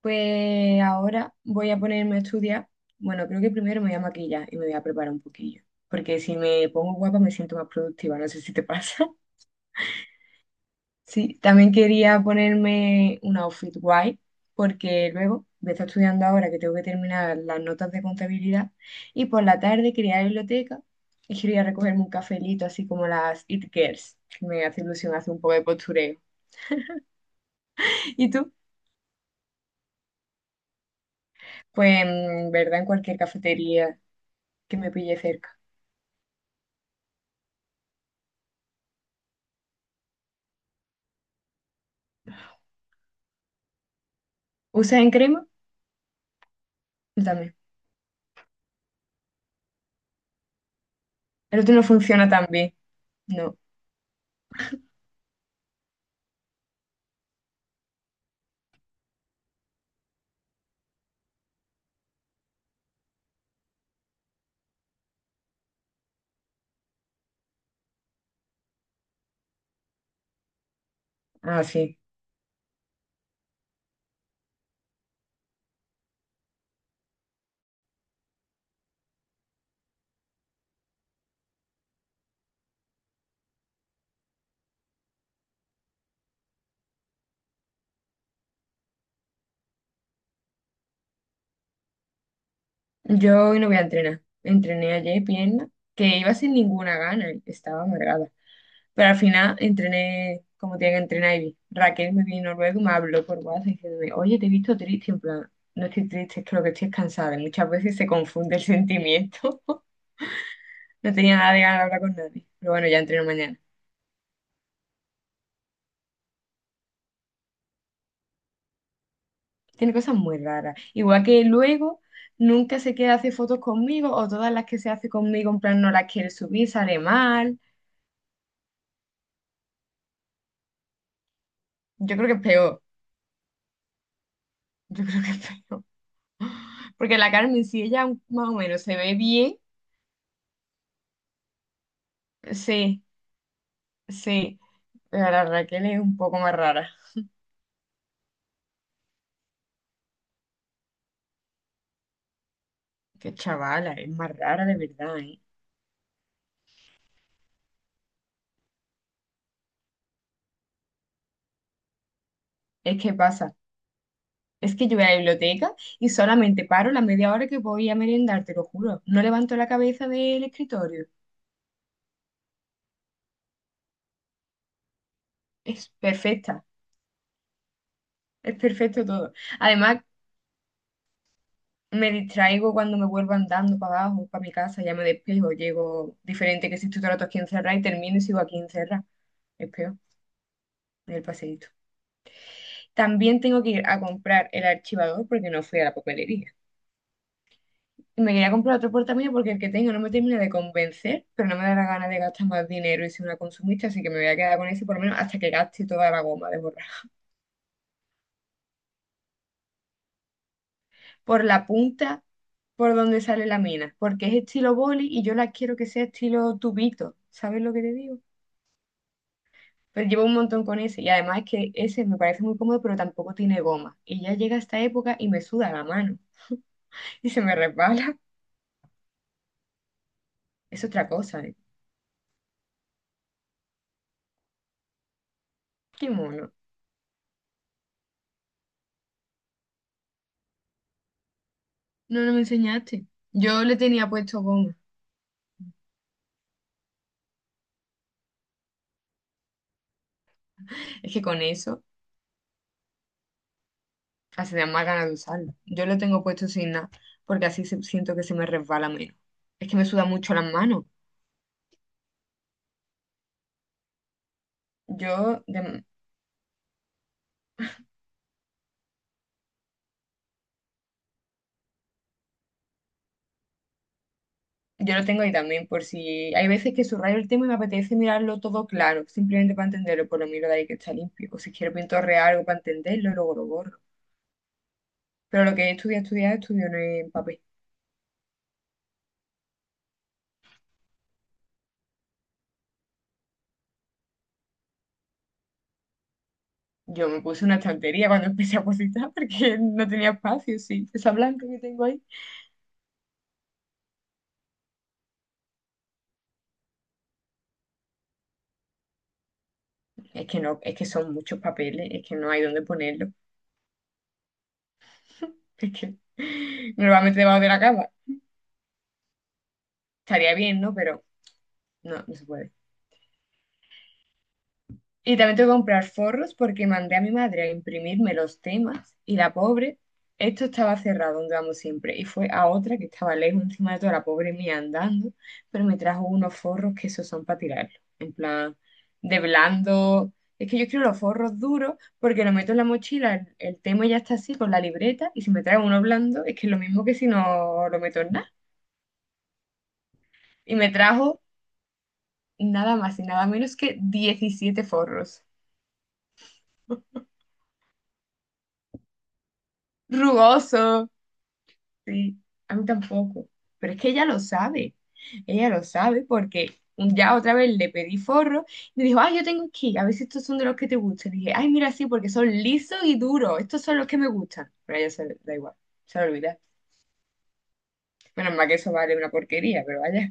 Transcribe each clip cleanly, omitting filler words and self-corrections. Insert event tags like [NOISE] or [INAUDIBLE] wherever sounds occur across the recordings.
Pues ahora voy a ponerme a estudiar. Bueno, creo que primero me voy a maquillar y me voy a preparar un poquillo, porque si me pongo guapa me siento más productiva, no sé si te pasa. [LAUGHS] Sí, también quería ponerme un outfit guay, porque luego voy a estar estudiando ahora que tengo que terminar las notas de contabilidad y por la tarde quería ir a la biblioteca y quería recogerme un cafelito, así como las It Girls, que me hace ilusión hacer un poco de postureo. [LAUGHS] ¿Y tú? Pues, en verdad, en cualquier cafetería que me pille cerca. ¿Usas en crema? Yo también. El otro no funciona tan bien. No. Ah, sí. Yo hoy no voy a entrenar. Entrené ayer pierna, que iba sin ninguna gana, y estaba amargada. Pero al final entrené como tenía que entrenar y vi. Raquel me vino luego y me habló por WhatsApp diciéndome, oye, te he visto triste. En plan, no estoy triste, es que lo que estoy es cansada. Y muchas veces se confunde el sentimiento. [LAUGHS] No tenía nada de ganas de hablar con nadie. Pero bueno, ya entreno mañana. Tiene cosas muy raras. Igual que luego nunca se queda hacer fotos conmigo o todas las que se hace conmigo en plan no las quiere subir, sale mal. Yo creo que es peor. [LAUGHS] Yo creo que es peor. Porque la Carmen, si ella más o menos se ve bien, sí, sí. Pero la Raquel es un poco más rara. Qué chavala, es más rara de verdad, ¿eh? Es que pasa. Es que yo voy a la biblioteca y solamente paro la media hora que voy a merendar, te lo juro. No levanto la cabeza del escritorio. Es perfecta. Es perfecto todo. Además, me distraigo cuando me vuelvo andando para abajo, para mi casa, ya me despejo, llego diferente que si estoy todo el rato aquí encerrada y termino y sigo aquí encerrada. Es peor, en el paseíto. También tengo que ir a comprar el archivador porque no fui a la papelería. Y me quería comprar otro portamina porque el que tengo no me termina de convencer, pero no me da la gana de gastar más dinero y ser una consumista, así que me voy a quedar con ese por lo menos hasta que gaste toda la goma de borrar. Por la punta, por donde sale la mena, porque es estilo boli y yo la quiero que sea estilo tubito, ¿sabes lo que te digo? Pero llevo un montón con ese y además es que ese me parece muy cómodo, pero tampoco tiene goma. Y ya llega esta época y me suda la mano y se me resbala. [LAUGHS] Es otra cosa, ¿eh? Qué mono. No, no me enseñaste. Yo le tenía puesto goma. Es que con eso hace da más ganas de usarlo. Yo lo tengo puesto sin nada, porque así siento que se me resbala menos. Es que me suda mucho las manos. Yo de- Yo lo tengo ahí también, por si hay veces que subrayo el tema y me apetece mirarlo todo claro, simplemente para entenderlo, por lo miro de ahí que está limpio. O si quiero pintorrear algo para entenderlo, luego lo borro. Pero lo que he estudiado, estudiado, estudio no en papel. Yo me puse una estantería cuando [LAUGHS] empecé a cositar porque no tenía espacio, sí. Esa blanca que tengo ahí. Es que no, es que son muchos papeles, es que no hay dónde ponerlo. [LAUGHS] Es que me lo voy a meter debajo de la cama. Estaría bien, ¿no? Pero no, no se puede. Y también tengo que comprar forros porque mandé a mi madre a imprimirme los temas y la pobre, esto estaba cerrado donde vamos siempre y fue a otra que estaba lejos encima de toda la pobre mía andando, pero me trajo unos forros que esos son para tirarlos, en plan de blando. Es que yo quiero los forros duros porque lo meto en la mochila, el tema ya está así con la libreta y si me trae uno blando es que es lo mismo que si no lo meto en nada. Y me trajo nada más y nada menos que 17 forros. Rugoso. Sí, a mí tampoco. Pero es que ella lo sabe. Ella lo sabe porque ya otra vez le pedí forro y me dijo, ay, yo tengo aquí, a ver si estos son de los que te gustan. Y dije, ay, mira, sí, porque son lisos y duros. Estos son los que me gustan. Pero a ella se le da igual, se le olvida. Menos mal que eso vale una porquería, pero vaya.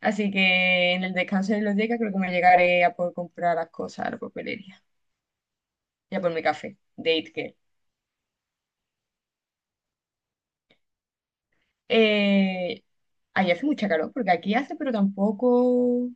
Así que en el descanso de los días creo que me llegaré a por comprar las cosas a la papelería. Ya por mi café, de It Girl. Eh, ahí hace mucha calor, porque aquí hace, pero tampoco.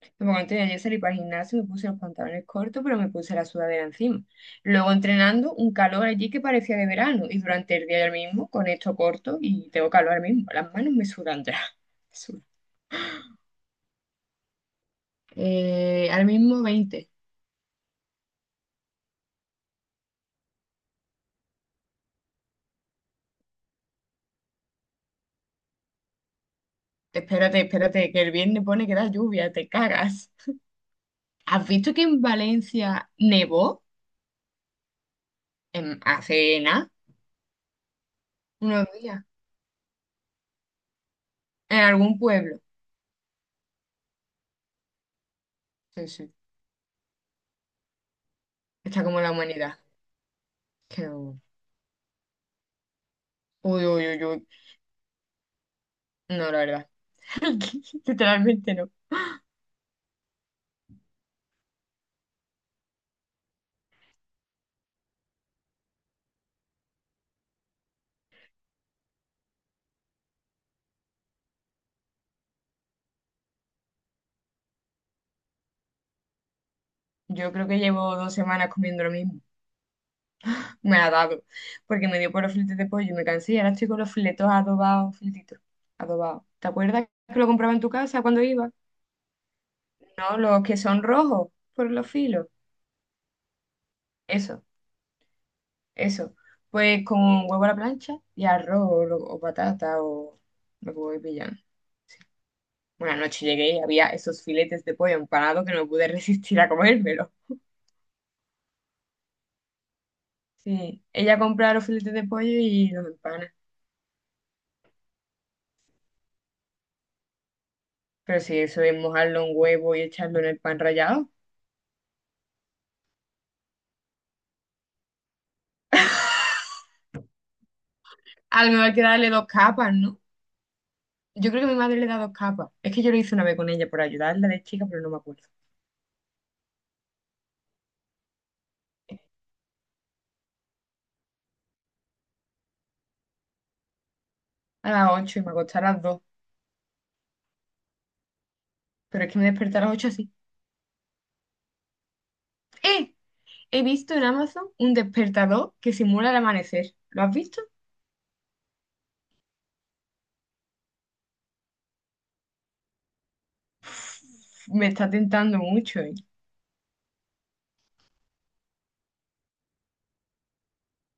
Porque cuando tenía yo salí para el gimnasio, me puse los pantalones cortos, pero me puse la sudadera encima. Luego entrenando, un calor allí que parecía de verano. Y durante el día del mismo, con esto corto, y tengo calor ahora mismo. Las manos me sudan ya. [LAUGHS] Me sudan. Ahora mismo 20. Espérate, espérate, que el viernes pone que da lluvia, te cagas. ¿Has visto que en Valencia nevó? En, hace nada, unos días. En algún pueblo. Sí, sí. Está como la humanidad. Que no- Uy, uy, uy, uy. No, la verdad. [LAUGHS] Literalmente no. Yo creo que llevo 2 semanas comiendo lo mismo. Me ha dado. Porque me dio por los filetes de pollo y me cansé y ahora estoy con los filetos adobados, filetitos. Adobados. ¿Te acuerdas que lo compraba en tu casa cuando iba? No, los que son rojos por los filos. Eso, eso. Pues con huevo a la plancha y arroz o patata o lo que voy pillando. Una noche llegué y había esos filetes de pollo empanados que no pude [LAUGHS] resistir a comérmelo. Sí, ella compra los filetes de pollo y los empana. Pero si eso es mojarlo en huevo y echarlo en el pan rallado, a lo mejor hay que darle dos capas, ¿no? Yo creo que mi madre le da dos capas. Es que yo lo hice una vez con ella por ayudarla de chica, pero no me acuerdo. A las 8 y me acosté a las 2. Pero es que me desperté a las 8 así. ¡Eh! He visto en Amazon un despertador que simula el amanecer. ¿Lo has visto? Uf, me está tentando mucho, ¿eh?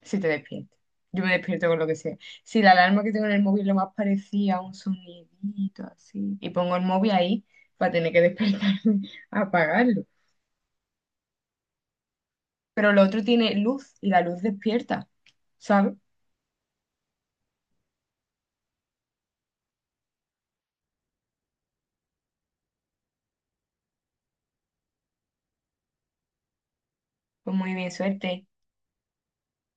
Si te despiertas. Yo me despierto con lo que sea. Si la alarma que tengo en el móvil lo más parecía a un sonidito así, y pongo el móvil ahí para tener que despertarme [LAUGHS] a apagarlo. Pero lo otro tiene luz y la luz despierta, ¿sabes? Pues muy bien, suerte.